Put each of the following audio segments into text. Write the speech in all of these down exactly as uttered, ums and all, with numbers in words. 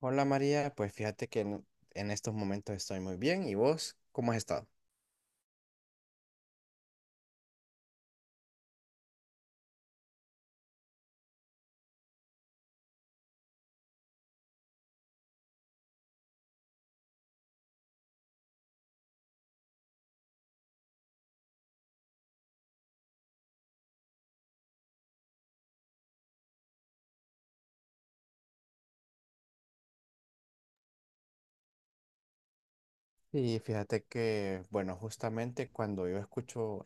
Hola María, pues fíjate que en, en estos momentos estoy muy bien. ¿Y vos cómo has estado? Y fíjate que, bueno, justamente cuando yo escucho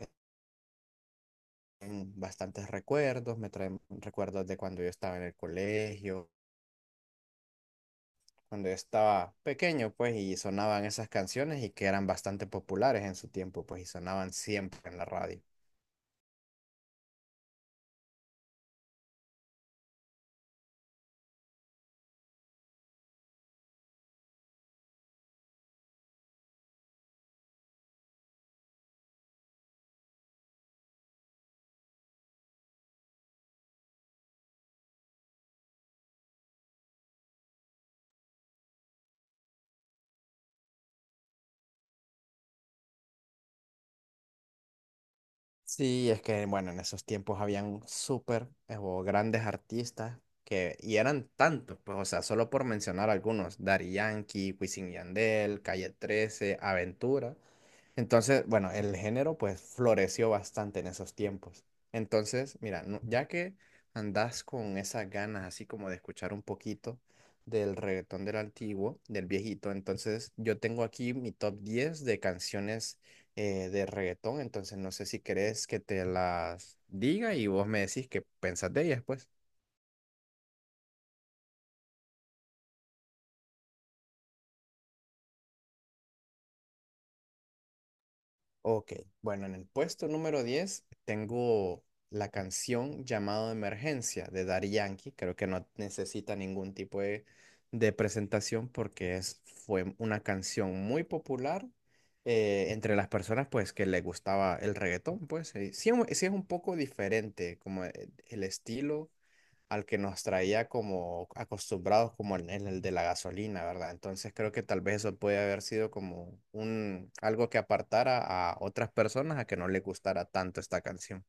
en bastantes recuerdos, me traen recuerdos de cuando yo estaba en el colegio, cuando yo estaba pequeño, pues, y sonaban esas canciones y que eran bastante populares en su tiempo, pues, y sonaban siempre en la radio. Sí, es que, bueno, en esos tiempos habían súper eh, o grandes artistas que, y eran tantos, pues, o sea, solo por mencionar algunos, Daddy Yankee, Wisin y Yandel, Calle trece, Aventura. Entonces, bueno, el género pues floreció bastante en esos tiempos. Entonces, mira, no- ya que andas con esas ganas así como de escuchar un poquito del reggaetón del antiguo, del viejito, entonces yo tengo aquí mi top diez de canciones eh, de reggaetón, entonces no sé si querés que te las diga y vos me decís qué pensás de ellas, pues. Ok, bueno, en el puesto número diez tengo la canción Llamado de Emergencia de Daddy Yankee. Creo que no necesita ningún tipo de, de presentación porque es, fue una canción muy popular eh, entre las personas pues que les gustaba el reggaetón, pues eh, sí, es un- sí es un poco diferente como eh, el estilo al que nos traía como acostumbrados como en en el de la gasolina, ¿verdad? Entonces creo que tal vez eso puede haber sido como un algo que apartara a otras personas a que no les gustara tanto esta canción.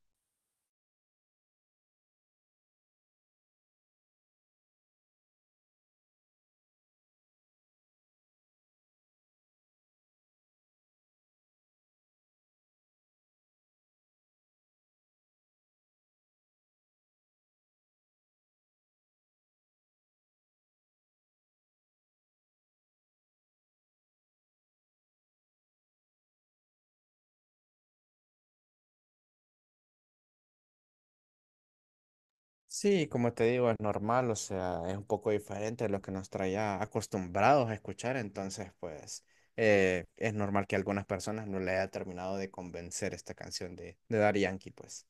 Sí, como te digo, es normal, o sea, es un poco diferente de lo que nos traía acostumbrados a escuchar, entonces pues eh, es normal que a algunas personas no le haya terminado de convencer esta canción de, de Daddy Yankee, pues.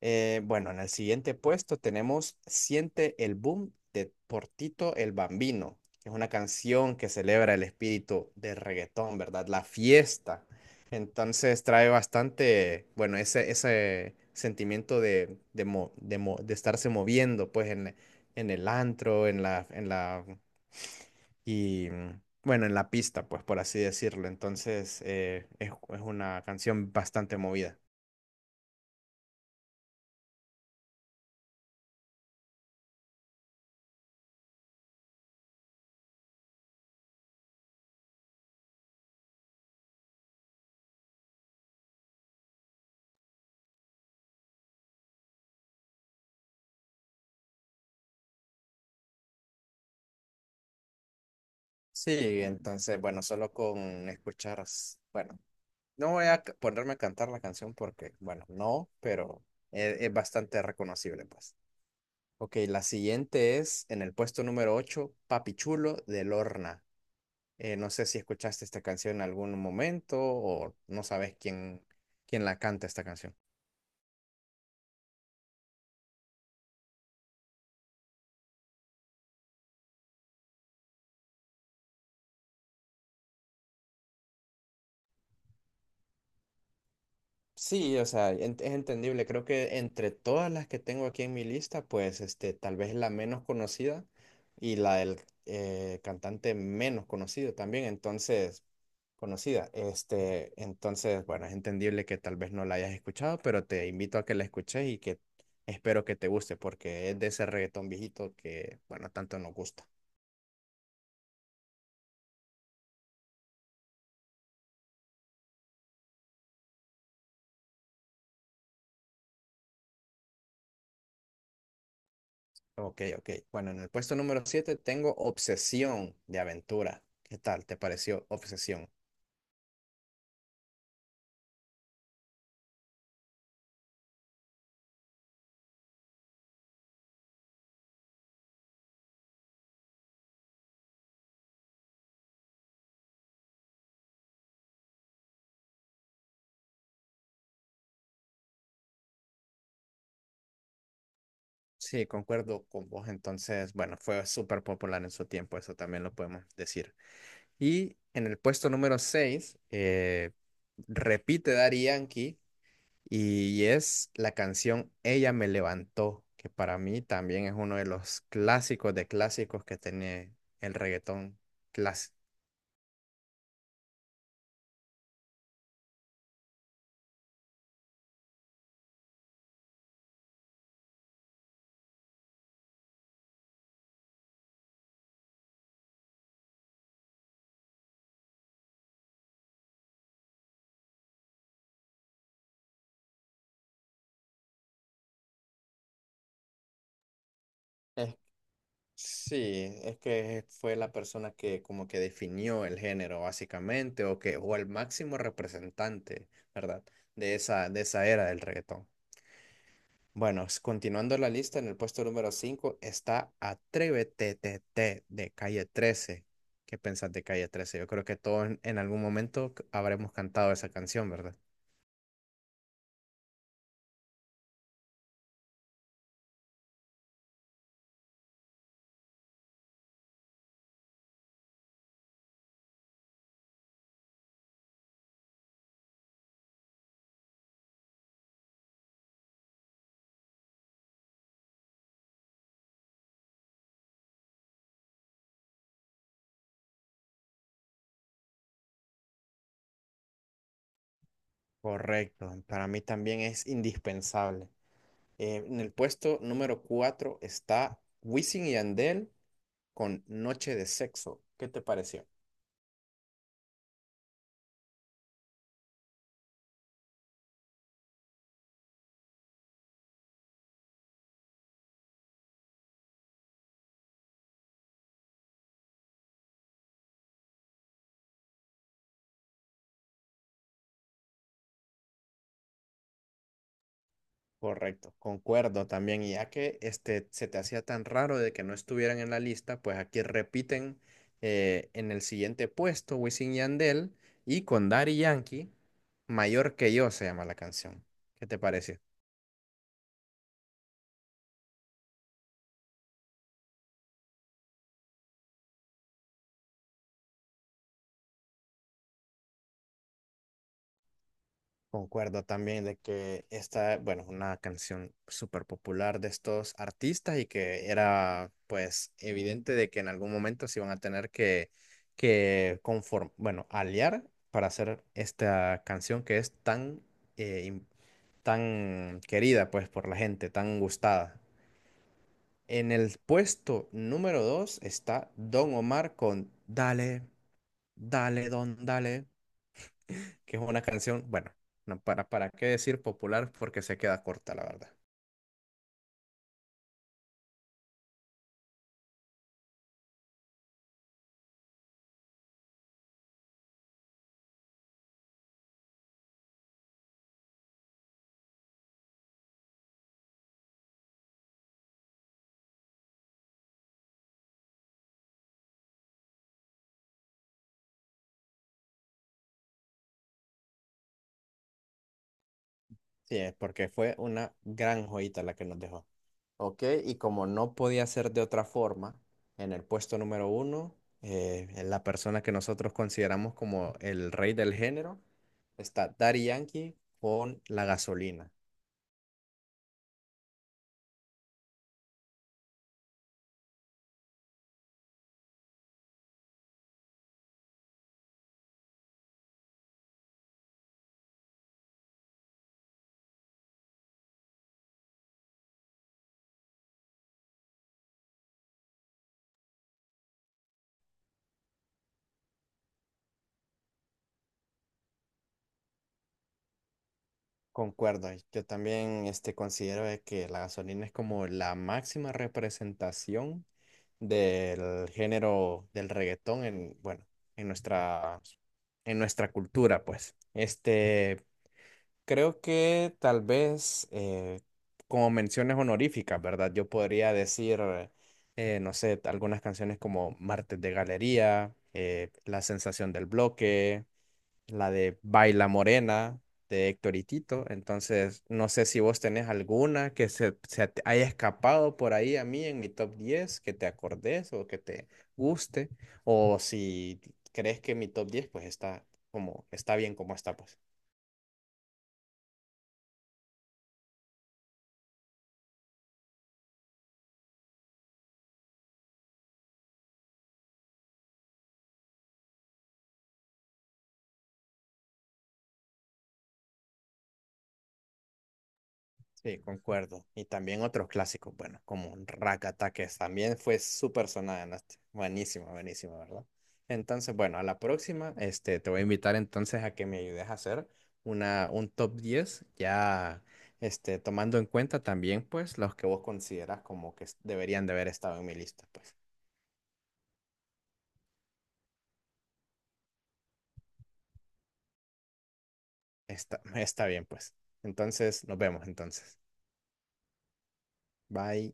Eh, bueno, en el siguiente puesto tenemos Siente el Boom de Portito el Bambino, que es una canción que celebra el espíritu del reggaetón, ¿verdad? La fiesta. Entonces trae bastante, bueno, ese, ese sentimiento de, de, mo- de mo- de estarse moviendo, pues, en, en el antro, en la, en la, y mm, bueno, en la pista, pues, por así decirlo. Entonces eh, es es una canción bastante movida. Sí, entonces, bueno, solo con escuchar, s- bueno, no voy a c- ponerme a cantar la canción porque, bueno, no, pero e- es, bastante reconocible, pues. Ok, la siguiente es en el puesto número ocho, Papi Chulo de Lorna. Eh, no sé si escuchaste esta canción en algún momento o no sabes quién, quién la canta esta canción. Sí, o sea, en- es entendible. Creo que entre todas las que tengo aquí en mi lista, pues este, tal vez la menos conocida y la del eh, cantante menos conocido también, entonces, conocida. Este, entonces, bueno, es entendible que tal vez no la hayas escuchado, pero te invito a que la escuches y que espero que te guste, porque es de ese reggaetón viejito que, bueno, tanto nos gusta. Ok, ok. Bueno, en el puesto número siete tengo Obsesión de Aventura. ¿Qué tal? ¿Te pareció Obsesión? Sí, concuerdo con vos. Entonces, bueno, fue súper popular en su tiempo, eso también lo podemos decir. Y en el puesto número seis eh, repite Daddy Yankee y es la canción Ella me levantó, que para mí también es uno de los clásicos de clásicos que tiene el reggaetón clásico. Sí, es que fue la persona que como que definió el género básicamente o que o el máximo representante, ¿verdad? De esa de esa era del reggaetón. Bueno, s- continuando la lista, en el puesto número cinco está Atrévete T T de Calle trece. ¿Qué pensás de Calle trece? Yo creo que todos en, en algún momento c- habremos cantado esa canción, ¿verdad? Correcto, para mí también es indispensable. Eh, en el puesto número cuatro está Wisin y Yandel con Noche de Sexo. ¿Qué te pareció? Correcto, concuerdo también. Y ya que este, se te hacía tan raro de que no estuvieran en la lista, pues aquí repiten eh, en el siguiente puesto Wisin y Yandel y con Daddy Yankee, Mayor que yo se llama la canción. ¿Qué te pareció? Concuerdo también de que esta, bueno, es una canción súper popular de estos artistas y que era pues evidente de que en algún momento se iban a tener que, que conform, bueno, aliar para hacer esta canción que es tan, eh, im- tan querida pues por la gente, tan gustada. En el puesto número dos está Don Omar con Dale, dale, don, dale que es una canción, bueno, no, para, para qué decir popular porque se queda corta, la verdad. Sí, es porque fue una gran joyita la que nos dejó. Ok, y como no podía ser de otra forma, en el puesto número uno, eh, en la persona que nosotros consideramos como el rey del género, está Daddy Yankee con La Gasolina. Concuerdo, y yo también este, considero de que la gasolina es como la máxima representación del género del reggaetón en, bueno, en nuestra, en nuestra cultura, pues. Este, creo que tal vez eh, como menciones honoríficas, ¿verdad? Yo podría decir, eh, no sé, algunas canciones como Martes de Galería, eh, La Sensación del Bloque, la de Baila Morena de Héctor y Tito. Entonces, no sé si vos tenés alguna que se, se te haya escapado por ahí a mí en mi top diez que te acordes o que te guste, o si crees que mi top diez pues está como está bien como está pues. Sí, concuerdo. Y también otros clásicos, bueno, como Rakata, que también fue súper sonada, ¿no? Buenísima, buenísima, ¿verdad? Entonces, bueno, a la próxima, este, te voy a invitar entonces a que me ayudes a hacer una, un top diez, ya este, tomando en cuenta también, pues, los que vos consideras como que deberían de haber estado en mi lista, pues. Está, está bien, pues. Entonces, nos vemos entonces. Bye.